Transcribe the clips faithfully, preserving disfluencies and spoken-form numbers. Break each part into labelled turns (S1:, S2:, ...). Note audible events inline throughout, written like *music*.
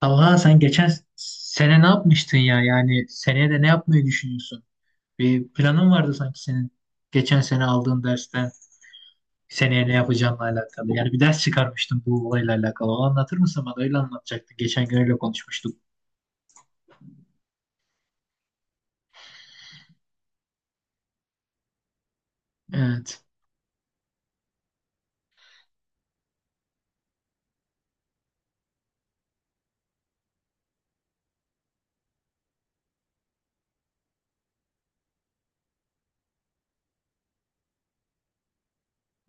S1: Talha sen geçen sene ne yapmıştın ya? Yani seneye de ne yapmayı düşünüyorsun? Bir planın vardı sanki senin geçen sene aldığın dersten seneye ne yapacağınla alakalı. Yani bir ders çıkarmıştın bu olayla alakalı. O anlatır mısın bana? Öyle anlatacaktı. Geçen gün öyle konuşmuştuk. Evet.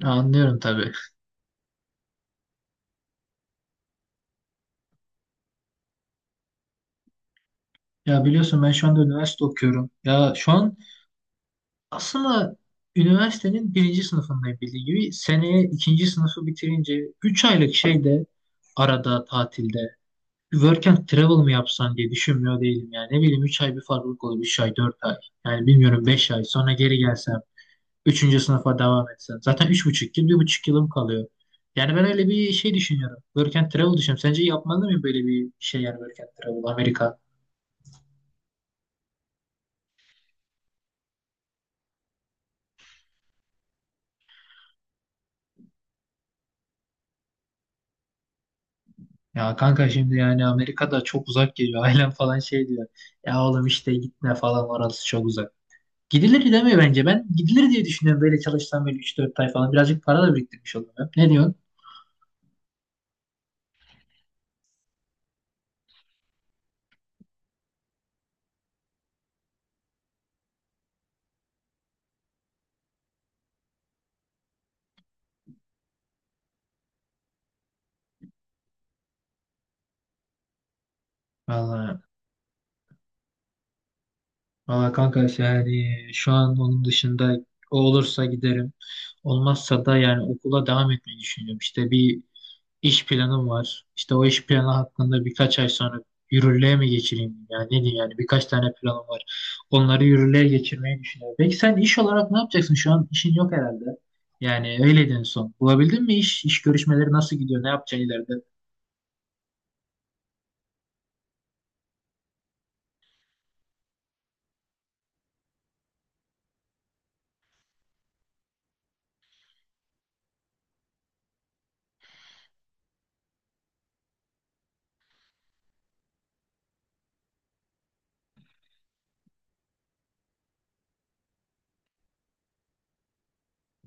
S1: Anlıyorum tabii. Ya biliyorsun ben şu anda üniversite okuyorum. Ya şu an aslında üniversitenin birinci sınıfındayım bildiğin gibi. Seneye ikinci sınıfı bitirince üç aylık şeyde arada tatilde Bir work and travel mı yapsan diye düşünmüyor değilim yani. Ne bileyim üç ay bir farklılık olur. üç ay dört ay. Yani bilmiyorum beş ay. Sonra geri gelsem. üçüncü sınıfa devam etsem. Zaten üç buçuk yıl bir buçuk yılım kalıyor. Yani ben öyle bir şey düşünüyorum. Work and travel düşünüyorum. Sence yapmalı mıyım böyle bir şey yani work and travel Amerika? Ya kanka şimdi yani Amerika'da çok uzak geliyor. *laughs* Ailem falan şey diyor. Ya oğlum işte gitme falan orası çok uzak. Gidilir demiyor bence. Ben gidilir diye düşünüyorum. Böyle çalışsam böyle üç dört ay falan. Birazcık para da biriktirmiş olurum. Ne diyorsun? Vallahi Valla kanka işte yani şu an onun dışında o olursa giderim. Olmazsa da yani okula devam etmeyi düşünüyorum. İşte bir iş planım var. İşte o iş planı hakkında birkaç ay sonra yürürlüğe mi geçireyim? Yani ne diyeyim yani birkaç tane planım var. Onları yürürlüğe geçirmeyi düşünüyorum. Peki sen iş olarak ne yapacaksın? Şu an işin yok herhalde. Yani öyleydin en son. Bulabildin mi iş? İş görüşmeleri nasıl gidiyor? Ne yapacaksın ileride?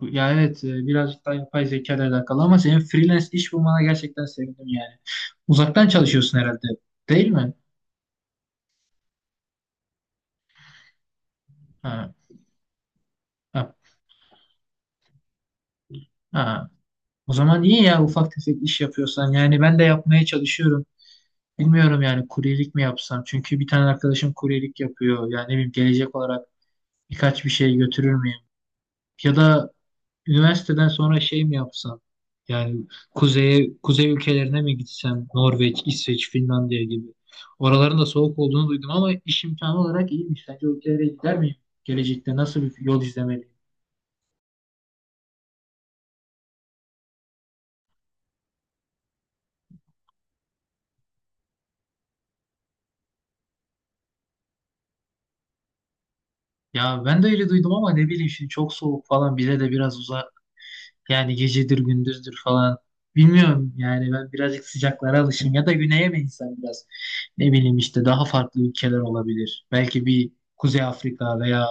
S1: Yani evet e, birazcık daha yapay zeka ile alakalı ama senin freelance iş bulmana gerçekten sevindim yani. Uzaktan çalışıyorsun herhalde değil mi? Ha, ha, ha. O zaman iyi ya ufak tefek iş yapıyorsan. Yani ben de yapmaya çalışıyorum. Bilmiyorum yani kuryelik mi yapsam? Çünkü bir tane arkadaşım kuryelik yapıyor. Yani ne bileyim gelecek olarak birkaç bir şey götürür müyüm? Ya da üniversiteden sonra şey mi yapsam? Yani kuzeye, kuzey ülkelerine mi gitsem? Norveç, İsveç, Finlandiya gibi. Oraların da soğuk olduğunu duydum ama iş imkanı olarak iyiymiş. Sence o ülkelere gider miyim? Gelecekte nasıl bir yol izlemeliyim? Ya ben de öyle duydum ama ne bileyim şimdi çok soğuk falan bize de biraz uza, yani gecedir gündüzdür falan. Bilmiyorum yani ben birazcık sıcaklara alışım ya da güneye mi insan biraz ne bileyim işte daha farklı ülkeler olabilir. Belki bir Kuzey Afrika veya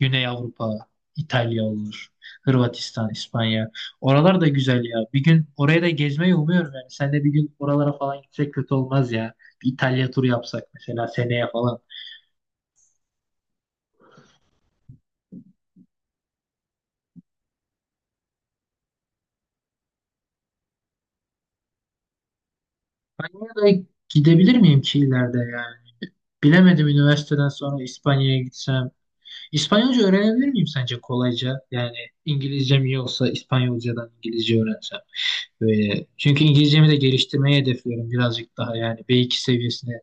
S1: Güney Avrupa, İtalya olur, Hırvatistan, İspanya. Oralar da güzel ya. Bir gün oraya da gezmeyi umuyorum yani. Sen de bir gün oralara falan gitsek kötü olmaz ya. Bir İtalya turu yapsak mesela seneye falan. Ben oraya da gidebilir miyim ki ileride yani? Bilemedim üniversiteden sonra İspanya'ya gitsem. İspanyolca öğrenebilir miyim sence kolayca? Yani İngilizcem iyi olsa İspanyolcadan İngilizce öğrensem. Böyle. Çünkü İngilizcemi de geliştirmeyi hedefliyorum birazcık daha yani B iki seviyesine.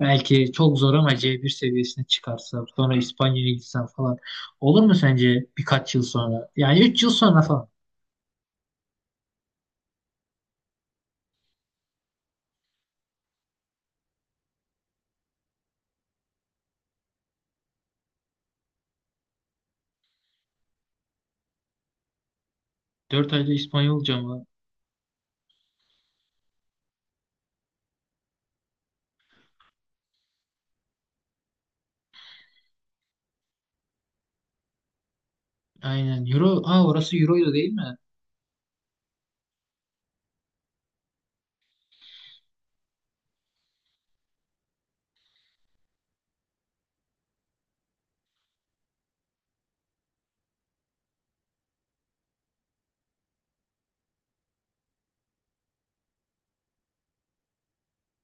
S1: Belki çok zor ama C bir seviyesine çıkarsam sonra İspanya'ya gitsem falan. Olur mu sence birkaç yıl sonra? Yani üç yıl sonra falan. Dört ayda İspanyolca mı? Aynen. Euro. Aa, orası Euro'ydu değil mi?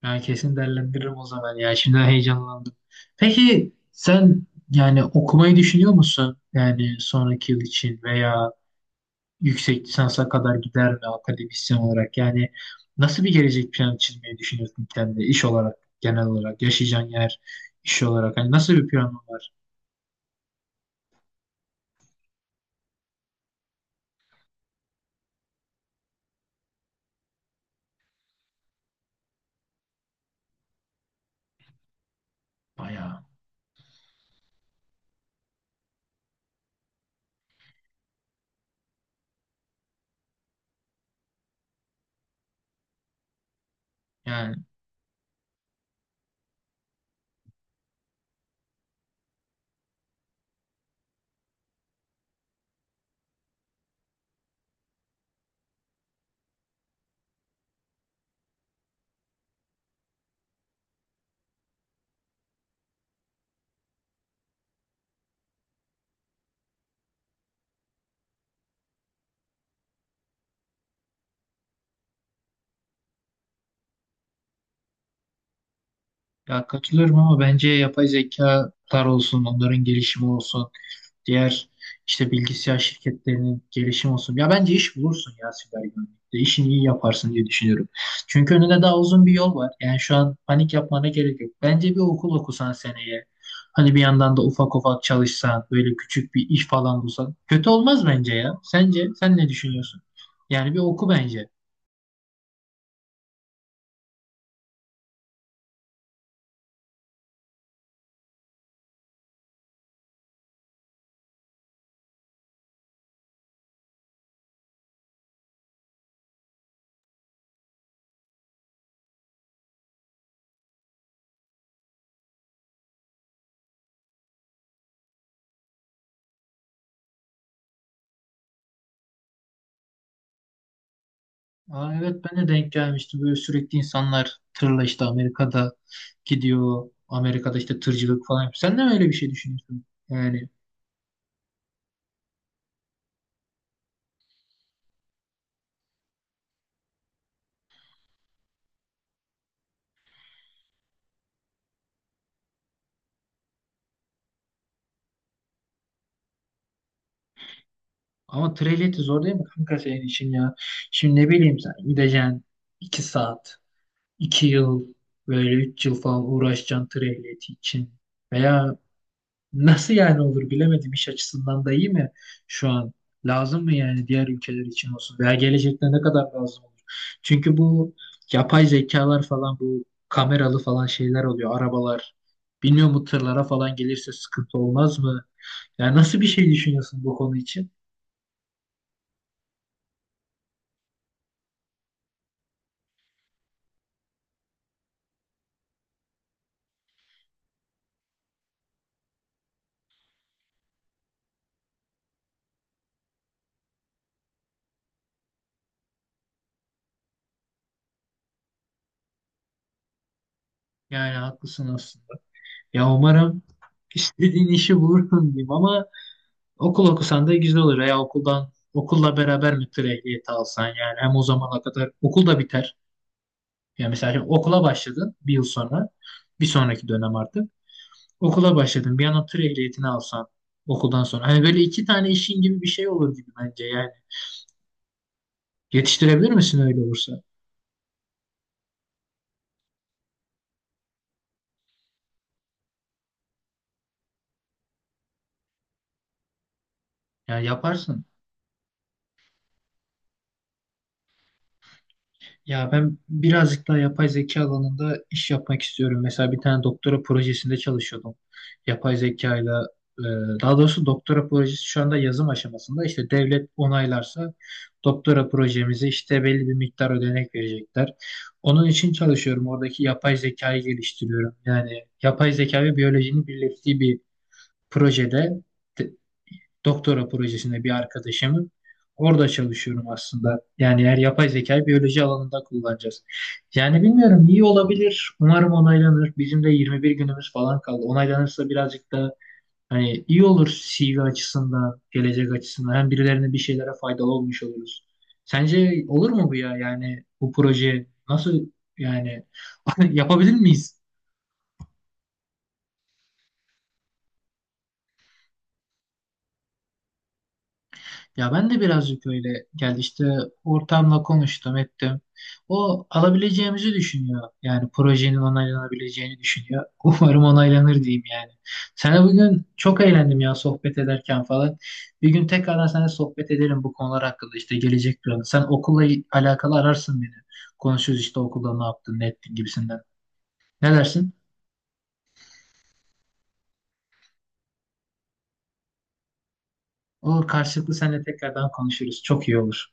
S1: Ben kesin değerlendiririm o zaman ya. Şimdi heyecanlandım. Peki sen yani okumayı düşünüyor musun? Yani sonraki yıl için veya yüksek lisansa kadar gider mi akademisyen olarak? Yani nasıl bir gelecek planı çizmeyi düşünüyorsun kendine iş olarak, genel olarak, yaşayacağın yer iş olarak? Hani nasıl bir planın var? Bayağı. Yani ya katılıyorum ama bence yapay zekalar olsun, onların gelişimi olsun. diğer işte bilgisayar şirketlerinin gelişim olsun. Ya bence iş bulursun ya siber güvenlikte. İşini iyi yaparsın diye düşünüyorum. Çünkü önünde daha uzun bir yol var. Yani şu an panik yapmana gerek yok. Bence bir okul okusan seneye. Hani bir yandan da ufak ufak çalışsan, böyle küçük bir iş falan bulsan. Kötü olmaz bence ya. Sence sen ne düşünüyorsun? Yani bir oku bence. Aa, evet ben de denk gelmiştim. Böyle sürekli insanlar tırla işte Amerika'da gidiyor. Amerika'da işte tırcılık falan. yapıyor. Sen de mi öyle bir şey düşünüyorsun? Yani ama treliyeti zor değil mi kanka senin için ya? Şimdi ne bileyim sen gideceksin iki saat, iki yıl, böyle üç yıl falan uğraşacaksın treliyeti için. Veya nasıl yani olur bilemedim iş açısından da iyi mi şu an? Lazım mı yani diğer ülkeler için olsun? Veya gelecekte ne kadar lazım olur? Çünkü bu yapay zekalar falan bu kameralı falan şeyler oluyor arabalar. Bilmiyorum bu tırlara falan gelirse sıkıntı olmaz mı? Yani nasıl bir şey düşünüyorsun bu konu için? Yani haklısın aslında. Ya umarım istediğin işi bulursun diyeyim ama okul okusan da güzel olur ya okuldan okulla beraber müftü ehliyeti alsan yani hem o zamana kadar okul da biter. Yani mesela şimdi okula başladın bir yıl sonra bir sonraki dönem artık okula başladın bir an tır ehliyetini alsan okuldan sonra hani böyle iki tane işin gibi bir şey olur gibi bence yani yetiştirebilir misin öyle olursa? Ya yaparsın. Ya ben birazcık daha yapay zeka alanında iş yapmak istiyorum. Mesela bir tane doktora projesinde çalışıyordum. Yapay zekayla e, daha doğrusu doktora projesi şu anda yazım aşamasında. İşte devlet onaylarsa doktora projemize işte belli bir miktar ödenek verecekler. Onun için çalışıyorum. Oradaki yapay zekayı geliştiriyorum. Yani yapay zeka ve biyolojinin birleştiği bir projede doktora projesinde bir arkadaşımın. Orada çalışıyorum aslında. Yani eğer yapay zekayı biyoloji alanında kullanacağız. Yani bilmiyorum iyi olabilir. Umarım onaylanır. Bizim de yirmi bir günümüz falan kaldı. Onaylanırsa birazcık da hani iyi olur C V açısından, gelecek açısından. Hem birilerine bir şeylere faydalı olmuş oluruz. Sence olur mu bu ya? Yani bu proje nasıl yani *laughs* yapabilir miyiz? Ya ben de birazcık öyle geldi işte ortamla konuştum ettim. O alabileceğimizi düşünüyor. Yani projenin onaylanabileceğini düşünüyor. *laughs* Umarım onaylanır diyeyim yani. Sana bugün çok eğlendim ya sohbet ederken falan. Bir gün tekrardan seninle sohbet edelim bu konular hakkında işte gelecek planı. Sen okulla alakalı ararsın beni. Konuşuruz işte okulda ne yaptın ne ettin gibisinden. Ne dersin? Olur karşılıklı seninle tekrardan konuşuruz. Çok iyi olur.